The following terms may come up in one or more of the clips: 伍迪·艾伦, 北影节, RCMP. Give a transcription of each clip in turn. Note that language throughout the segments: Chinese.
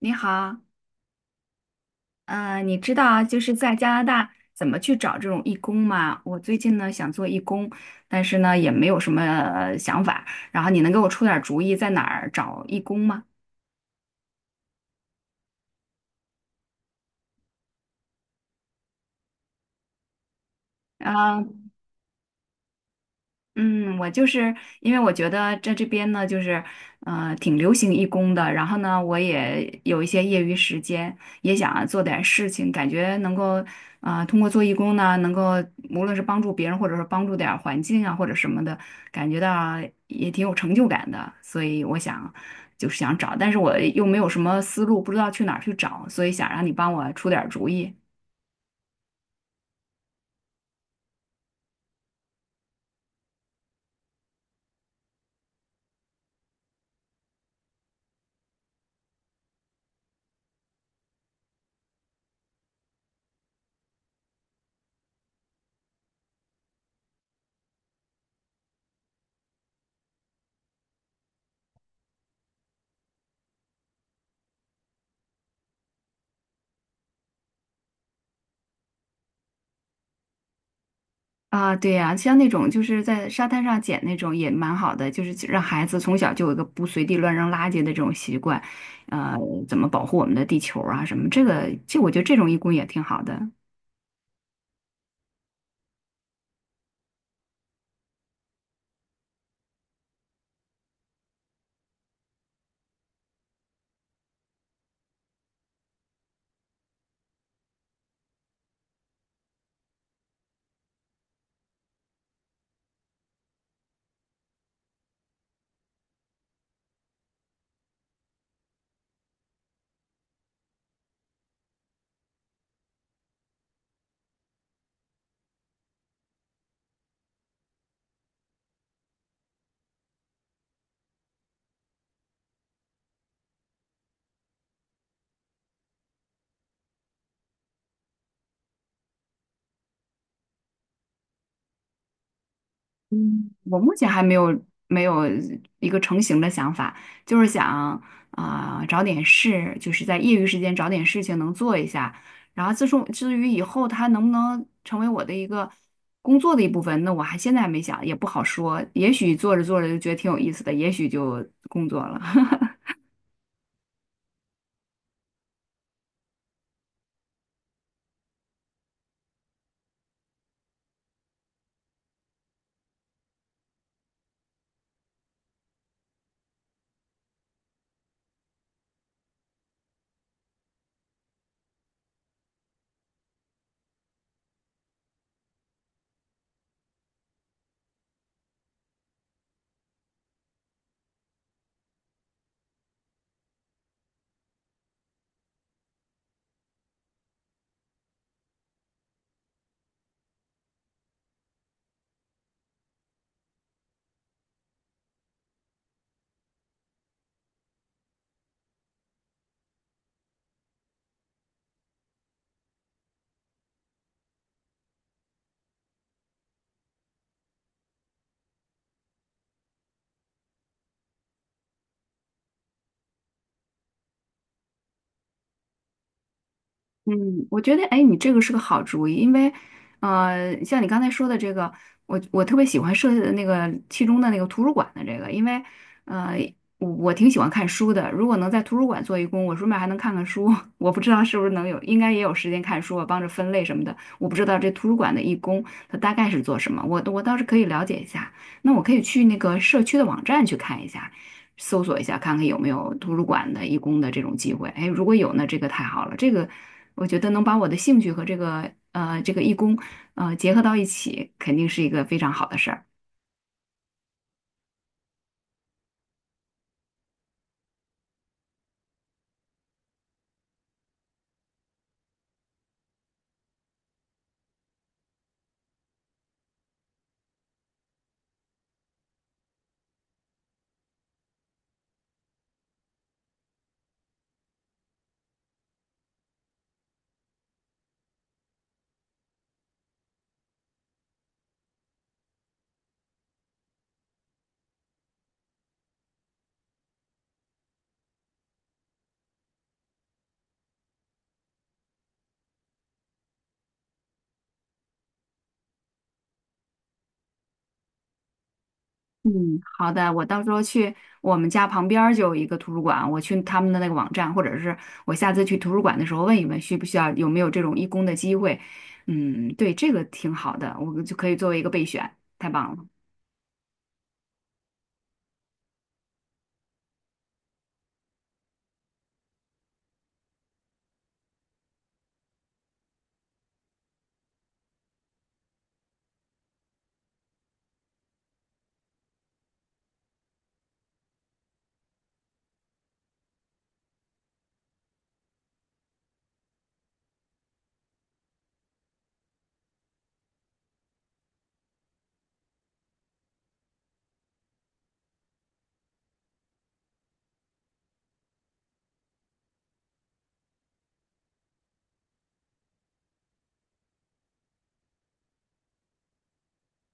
你好，嗯，你知道就是在加拿大怎么去找这种义工吗？我最近呢想做义工，但是呢也没有什么想法，然后你能给我出点儿主意在哪儿找义工吗？嗯。嗯，我就是因为我觉得在这边呢，就是挺流行义工的，然后呢，我也有一些业余时间，也想做点事情，感觉能够通过做义工呢，能够无论是帮助别人，或者是帮助点儿环境啊，或者什么的，感觉到也挺有成就感的，所以我想就是想找，但是我又没有什么思路，不知道去哪儿去找，所以想让你帮我出点儿主意。啊，对呀，像那种就是在沙滩上捡那种也蛮好的，就是让孩子从小就有一个不随地乱扔垃圾的这种习惯，呃，怎么保护我们的地球啊什么，这个这我觉得这种义工也挺好的。我目前还没有没有一个成型的想法，就是想啊、找点事，就是在业余时间找点事情能做一下。然后自从至于以后它能不能成为我的一个工作的一部分，那我还现在还没想，也不好说。也许做着做着就觉得挺有意思的，也许就工作了。嗯，我觉得，哎，你这个是个好主意，因为，像你刚才说的这个，我特别喜欢设那个其中的那个图书馆的这个，因为，呃，我挺喜欢看书的，如果能在图书馆做义工，我顺便还能看看书，我不知道是不是能有，应该也有时间看书啊，帮着分类什么的，我不知道这图书馆的义工他大概是做什么，我倒是可以了解一下，那我可以去那个社区的网站去看一下。搜索一下，看看有没有图书馆的义工的这种机会。哎，如果有呢，这个太好了，这个我觉得能把我的兴趣和这个这个义工结合到一起，肯定是一个非常好的事儿。嗯，好的，我到时候去我们家旁边儿就有一个图书馆，我去他们的那个网站，或者是我下次去图书馆的时候问一问，需不需要有没有这种义工的机会。嗯，对，这个挺好的，我就可以作为一个备选，太棒了。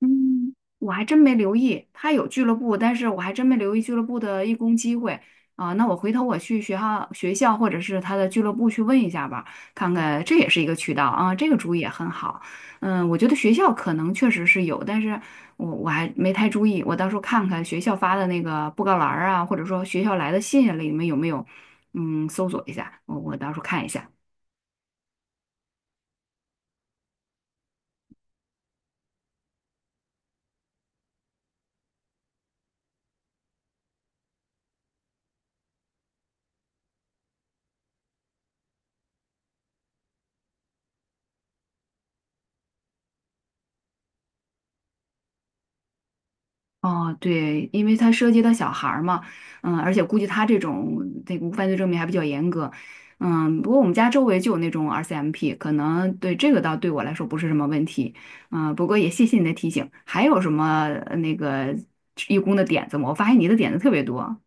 嗯，我还真没留意，他有俱乐部，但是我还真没留意俱乐部的义工机会啊、那我回头我去学校、学校或者是他的俱乐部去问一下吧，看看这也是一个渠道啊、这个主意也很好。嗯，我觉得学校可能确实是有，但是我还没太注意，我到时候看看学校发的那个布告栏儿啊，或者说学校来的信啊里面有没有，嗯，搜索一下，我到时候看一下。哦，对，因为它涉及到小孩儿嘛，嗯，而且估计他这种这个无犯罪证明还比较严格，嗯，不过我们家周围就有那种 RCMP,可能对这个倒对我来说不是什么问题，嗯，不过也谢谢你的提醒。还有什么那个义工的点子吗？我发现你的点子特别多。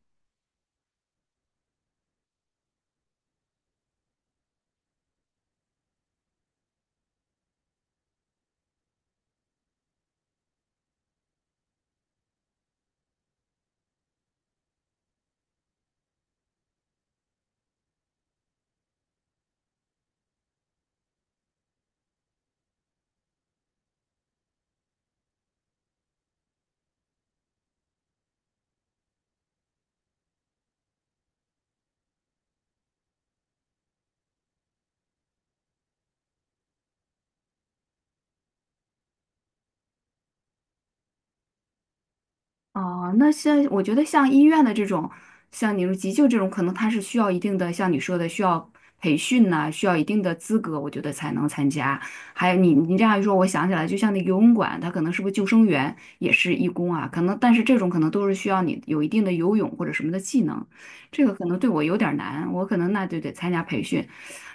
哦，那像我觉得像医院的这种，像你说急救这种，可能它是需要一定的，像你说的需要培训呐、需要一定的资格，我觉得才能参加。还有你这样一说，我想起来，就像那个游泳馆，它可能是不是救生员也是义工啊？可能，但是这种可能都是需要你有一定的游泳或者什么的技能，这个可能对我有点儿难，我可能那就得参加培训。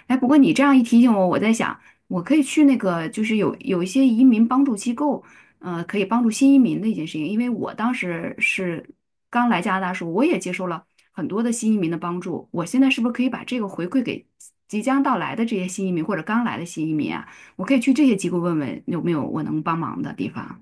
哎，不过你这样一提醒我，我在想，我可以去那个，就是有一些移民帮助机构。可以帮助新移民的一件事情。因为我当时是刚来加拿大的时候，我也接受了很多的新移民的帮助。我现在是不是可以把这个回馈给即将到来的这些新移民或者刚来的新移民啊？我可以去这些机构问问有没有我能帮忙的地方。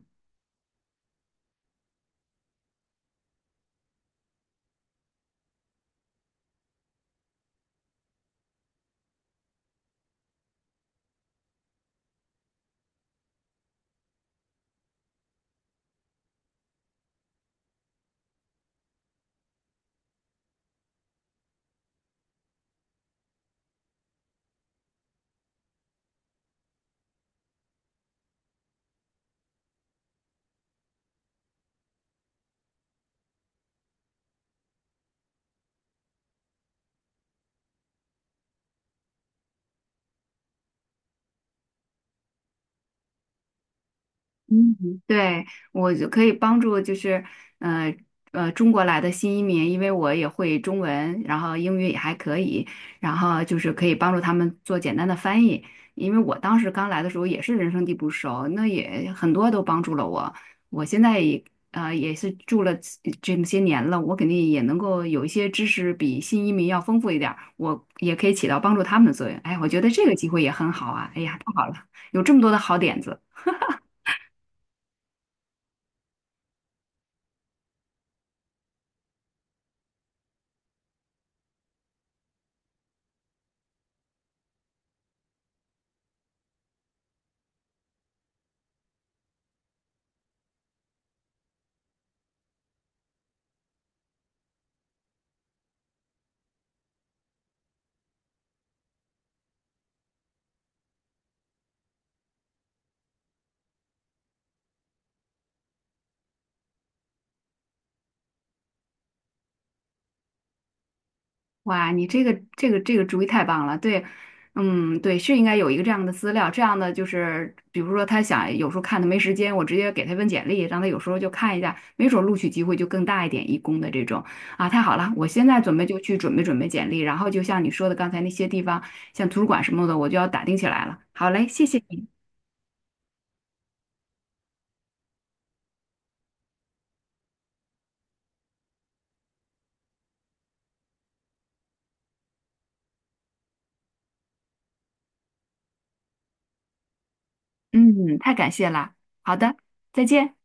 嗯，对，我就可以帮助，就是呃中国来的新移民，因为我也会中文，然后英语也还可以，然后就是可以帮助他们做简单的翻译。因为我当时刚来的时候也是人生地不熟，那也很多都帮助了我。我现在也也是住了这么些年了，我肯定也能够有一些知识比新移民要丰富一点儿，我也可以起到帮助他们的作用。哎，我觉得这个机会也很好啊！哎呀，太好了，有这么多的好点子。哇，你这个这个主意太棒了，对，嗯，对，是应该有一个这样的资料，这样的就是，比如说他想有时候看他没时间，我直接给他一份简历，让他有时候就看一下，没准儿录取机会就更大一点，义工的这种啊，太好了，我现在准备就去准备简历，然后就像你说的刚才那些地方，像图书馆什么的，我就要打听起来了。好嘞，谢谢你，嗯，太感谢了，好的，再见。